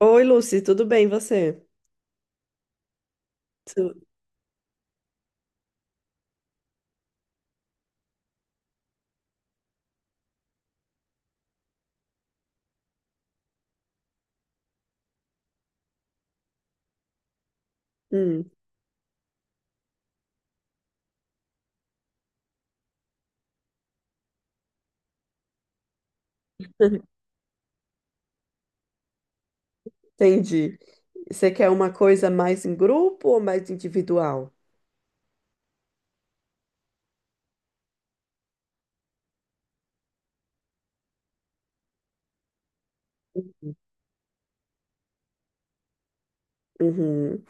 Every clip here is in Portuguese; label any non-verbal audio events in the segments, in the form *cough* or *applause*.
Oi, Lucy, tudo bem, e você? Tu- Hum, entendi. Você quer uma coisa mais em grupo ou mais individual? Uhum.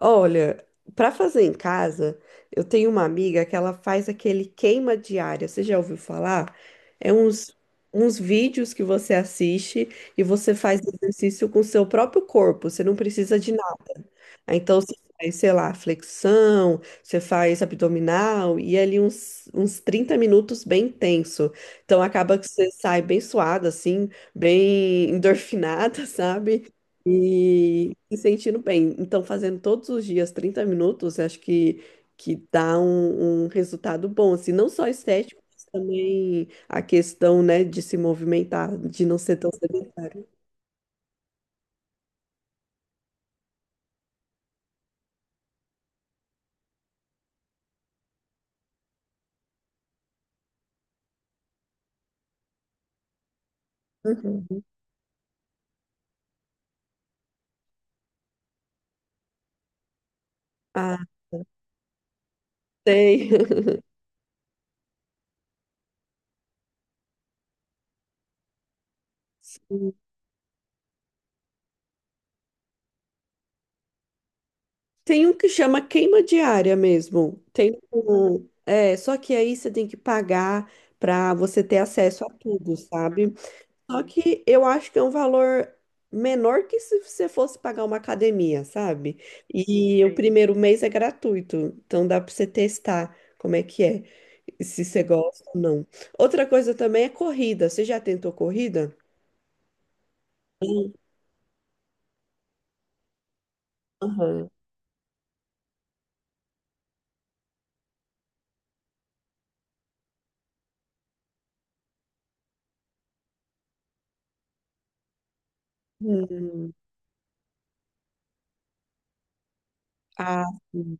Olha, para fazer em casa, eu tenho uma amiga que ela faz aquele queima diária. Você já ouviu falar? É uns, uns vídeos que você assiste e você faz exercício com o seu próprio corpo. Você não precisa de Então, você faz, sei lá, flexão, você faz abdominal e é ali uns 30 minutos bem tenso. Então, acaba que você sai bem suada, assim, bem endorfinada, *laughs* sabe? E se sentindo bem. Então, fazendo todos os dias 30 minutos, acho que dá um resultado bom, assim, não só estético, mas também a questão, né, de se movimentar, de não ser tão sedentário. Uhum. Ah, tem. *laughs* Tem um que chama queima diária mesmo. Tem um, é, só que aí você tem que pagar para você ter acesso a tudo, sabe? Só que eu acho que é um valor menor que se você fosse pagar uma academia, sabe? E o primeiro mês é gratuito, então dá para você testar como é que é, se você gosta ou não. Outra coisa também é corrida. Você já tentou corrida? Sim. Aham. Hum. Ah, sim.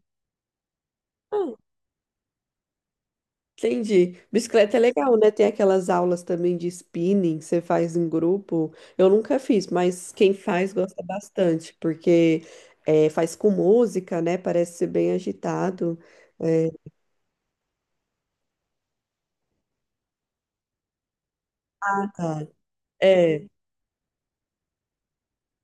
Entendi. Bicicleta é legal, né? Tem aquelas aulas também de spinning, que você faz em grupo. Eu nunca fiz, mas quem faz gosta bastante, porque é, faz com música, né? Parece ser bem agitado. É, ah, tá, é,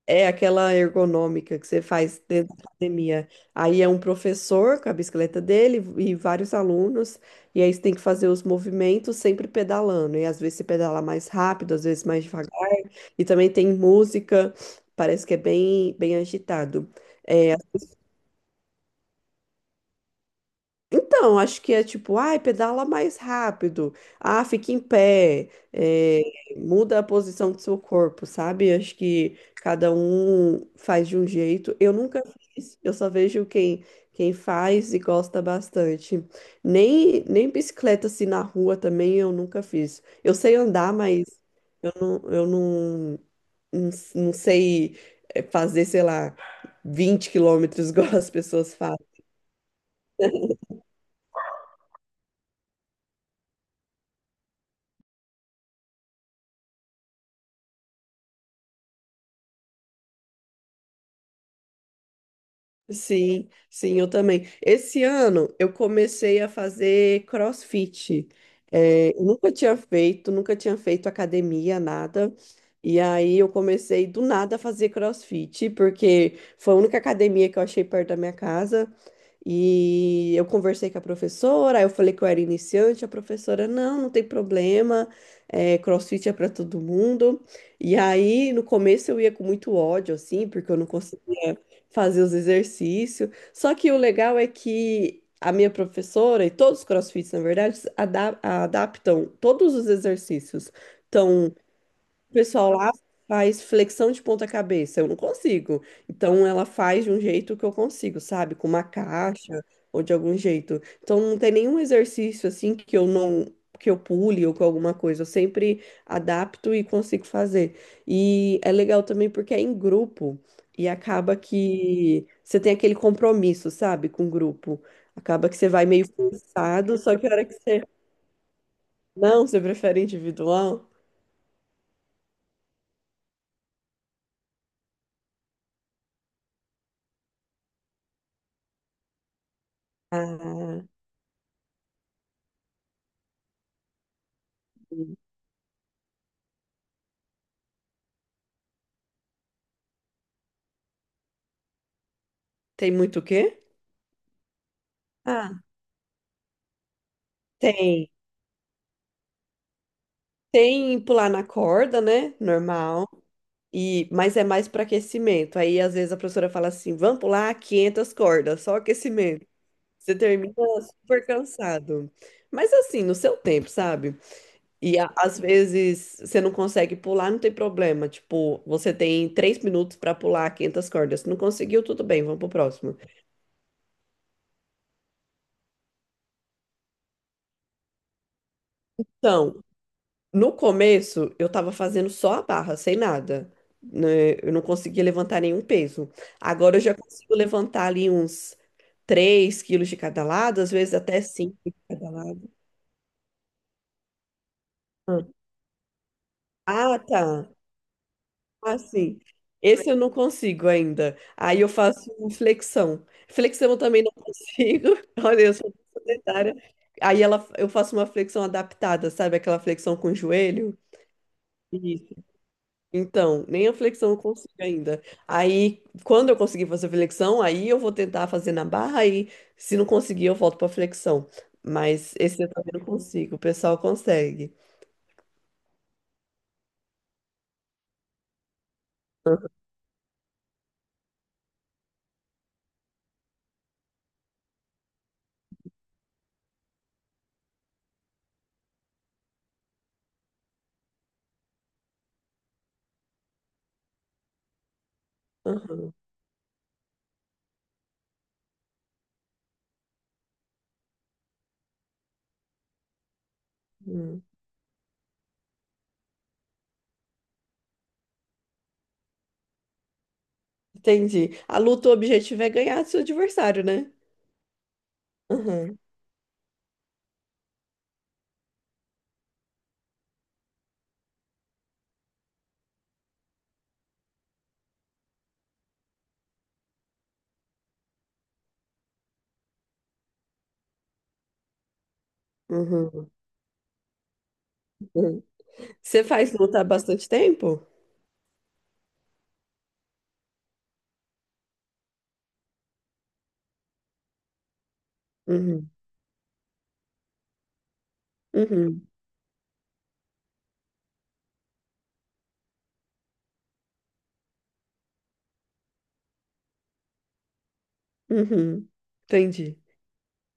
é aquela ergonômica que você faz dentro da academia. Aí é um professor com a bicicleta dele e vários alunos, e aí você tem que fazer os movimentos sempre pedalando. E às vezes você pedala mais rápido, às vezes mais devagar. E também tem música, parece que é bem, bem agitado. É, então, acho que é tipo, ai, pedala mais rápido, ah, fique em pé, é, muda a posição do seu corpo, sabe? Acho que cada um faz de um jeito. Eu nunca fiz, eu só vejo quem faz e gosta bastante. Nem bicicleta assim na rua também eu nunca fiz. Eu sei andar, mas eu não não sei fazer, sei lá, 20 km *laughs* igual as pessoas. Sim, sim, eu também. Esse ano eu comecei a fazer CrossFit. É, eu nunca tinha feito, nunca tinha feito academia, nada. E aí eu comecei do nada a fazer CrossFit, porque foi a única academia que eu achei perto da minha casa. E eu conversei com a professora, aí eu falei que eu era iniciante, a professora, não, não tem problema, é, CrossFit é para todo mundo. E aí, no começo eu ia com muito ódio, assim, porque eu não conseguia fazer os exercícios. Só que o legal é que a minha professora e todos os CrossFits, na verdade, adaptam todos os exercícios. Então, o pessoal lá faz flexão de ponta cabeça, eu não consigo. Então ela faz de um jeito que eu consigo, sabe? Com uma caixa ou de algum jeito. Então não tem nenhum exercício assim que eu não que eu pule ou com alguma coisa, eu sempre adapto e consigo fazer. E é legal também porque é em grupo e acaba que você tem aquele compromisso, sabe, com o grupo. Acaba que você vai meio forçado, só que a hora que você não, você prefere individual. Ah, tem muito o quê? Ah, tem. Tem pular na corda, né? Normal. E, mas é mais para aquecimento. Aí, às vezes, a professora fala assim: vamos pular 500 cordas, só aquecimento. Você termina super cansado. Mas, assim, no seu tempo, sabe? E às vezes você não consegue pular, não tem problema. Tipo, você tem 3 minutos para pular 500 cordas. Se não conseguiu, tudo bem, vamos pro próximo. Então, no começo, eu tava fazendo só a barra, sem nada, né? Eu não conseguia levantar nenhum peso. Agora eu já consigo levantar ali uns 3 quilos de cada lado, às vezes até 5 de cada lado. Ah, tá. Assim, esse eu não consigo ainda. Aí eu faço flexão. Flexão eu também não consigo. *laughs* Olha, eu sou sedentária. Aí ela, eu faço uma flexão adaptada, sabe? Aquela flexão com o joelho. Isso. Então, nem a flexão eu consigo ainda. Aí, quando eu conseguir fazer flexão, aí eu vou tentar fazer na barra e se não conseguir, eu volto para flexão. Mas esse eu também não consigo, o pessoal consegue. Aham, uhum. Entendi. A luta, o objetivo é ganhar do seu adversário, né? Uhum, uhum, uhum. Você faz luta há bastante tempo? Uhum, uhum, uhum. Entendi.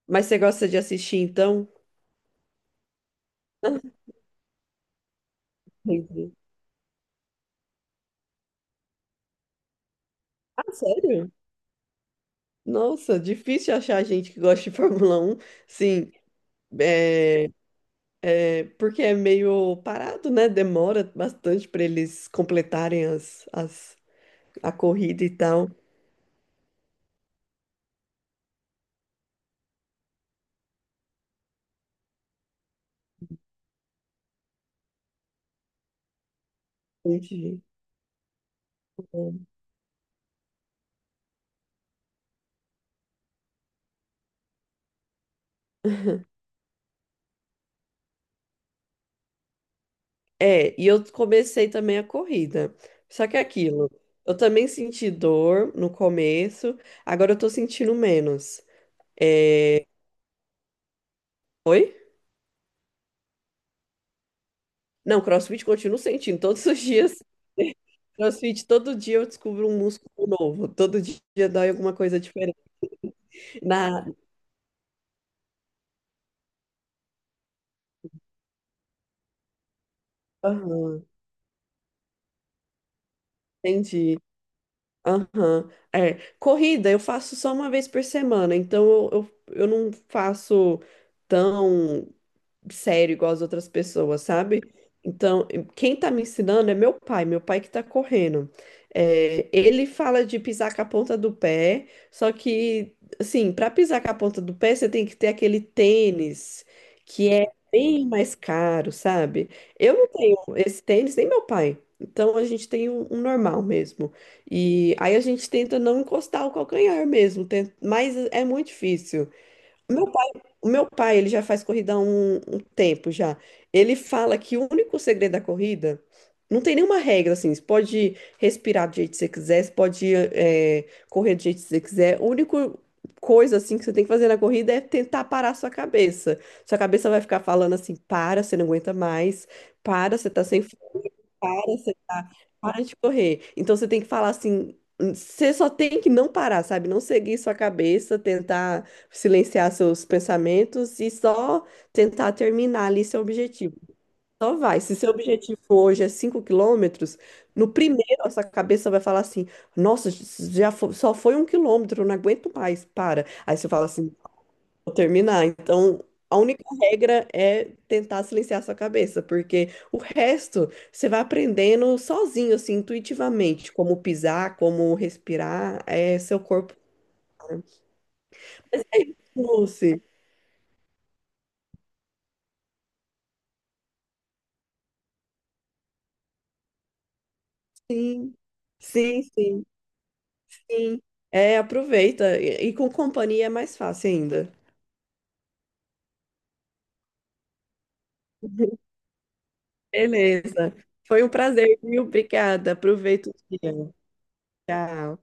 Mas você gosta de assistir, então? Ah, entendi. Ah, sério? Nossa, difícil achar gente que gosta de Fórmula 1. Sim, é, é, porque é meio parado, né? Demora bastante para eles completarem as, a corrida e tal. Entendi. É, e eu comecei também a corrida. Só que é aquilo, eu também senti dor no começo, agora eu tô sentindo menos. Oi? Não, CrossFit continuo sentindo todos os dias. *laughs* CrossFit, todo dia eu descubro um músculo novo. Todo dia dói alguma coisa diferente. Na... aham, entendi. Aham. É. Corrida eu faço só uma vez por semana, então eu não faço tão sério igual as outras pessoas, sabe? Então, quem tá me ensinando é meu pai que tá correndo. É, ele fala de pisar com a ponta do pé, só que, assim, para pisar com a ponta do pé, você tem que ter aquele tênis que é bem mais caro, sabe? Eu não tenho esse tênis, nem meu pai. Então a gente tem um normal mesmo. E aí a gente tenta não encostar o calcanhar mesmo, mas é muito difícil. O meu pai, o meu pai, ele já faz corrida há um tempo já. Ele fala que o único segredo da corrida não tem nenhuma regra assim. Você pode respirar do jeito que você quiser, você pode correr do jeito que você quiser. A única coisa assim que você tem que fazer na corrida é tentar parar sua cabeça. Sua cabeça vai ficar falando assim: para, você não aguenta mais, para, você tá sem fome, para. Para de correr. Então você tem que falar assim, você só tem que não parar, sabe? Não seguir sua cabeça, tentar silenciar seus pensamentos e só tentar terminar ali seu objetivo. Só vai. Se seu objetivo hoje é 5 km, no primeiro a sua cabeça vai falar assim: Nossa, só foi 1 quilômetro, eu não aguento mais, para. Aí você fala assim: Vou terminar. Então, a única regra é tentar silenciar sua cabeça, porque o resto você vai aprendendo sozinho, assim, intuitivamente, como pisar, como respirar, é seu corpo. Lucy. Sim, sim, sim, sim. É, aproveita. E com companhia é mais fácil ainda. *laughs* Beleza. Foi um prazer, viu? Obrigada. Aproveita o dia. Tchau.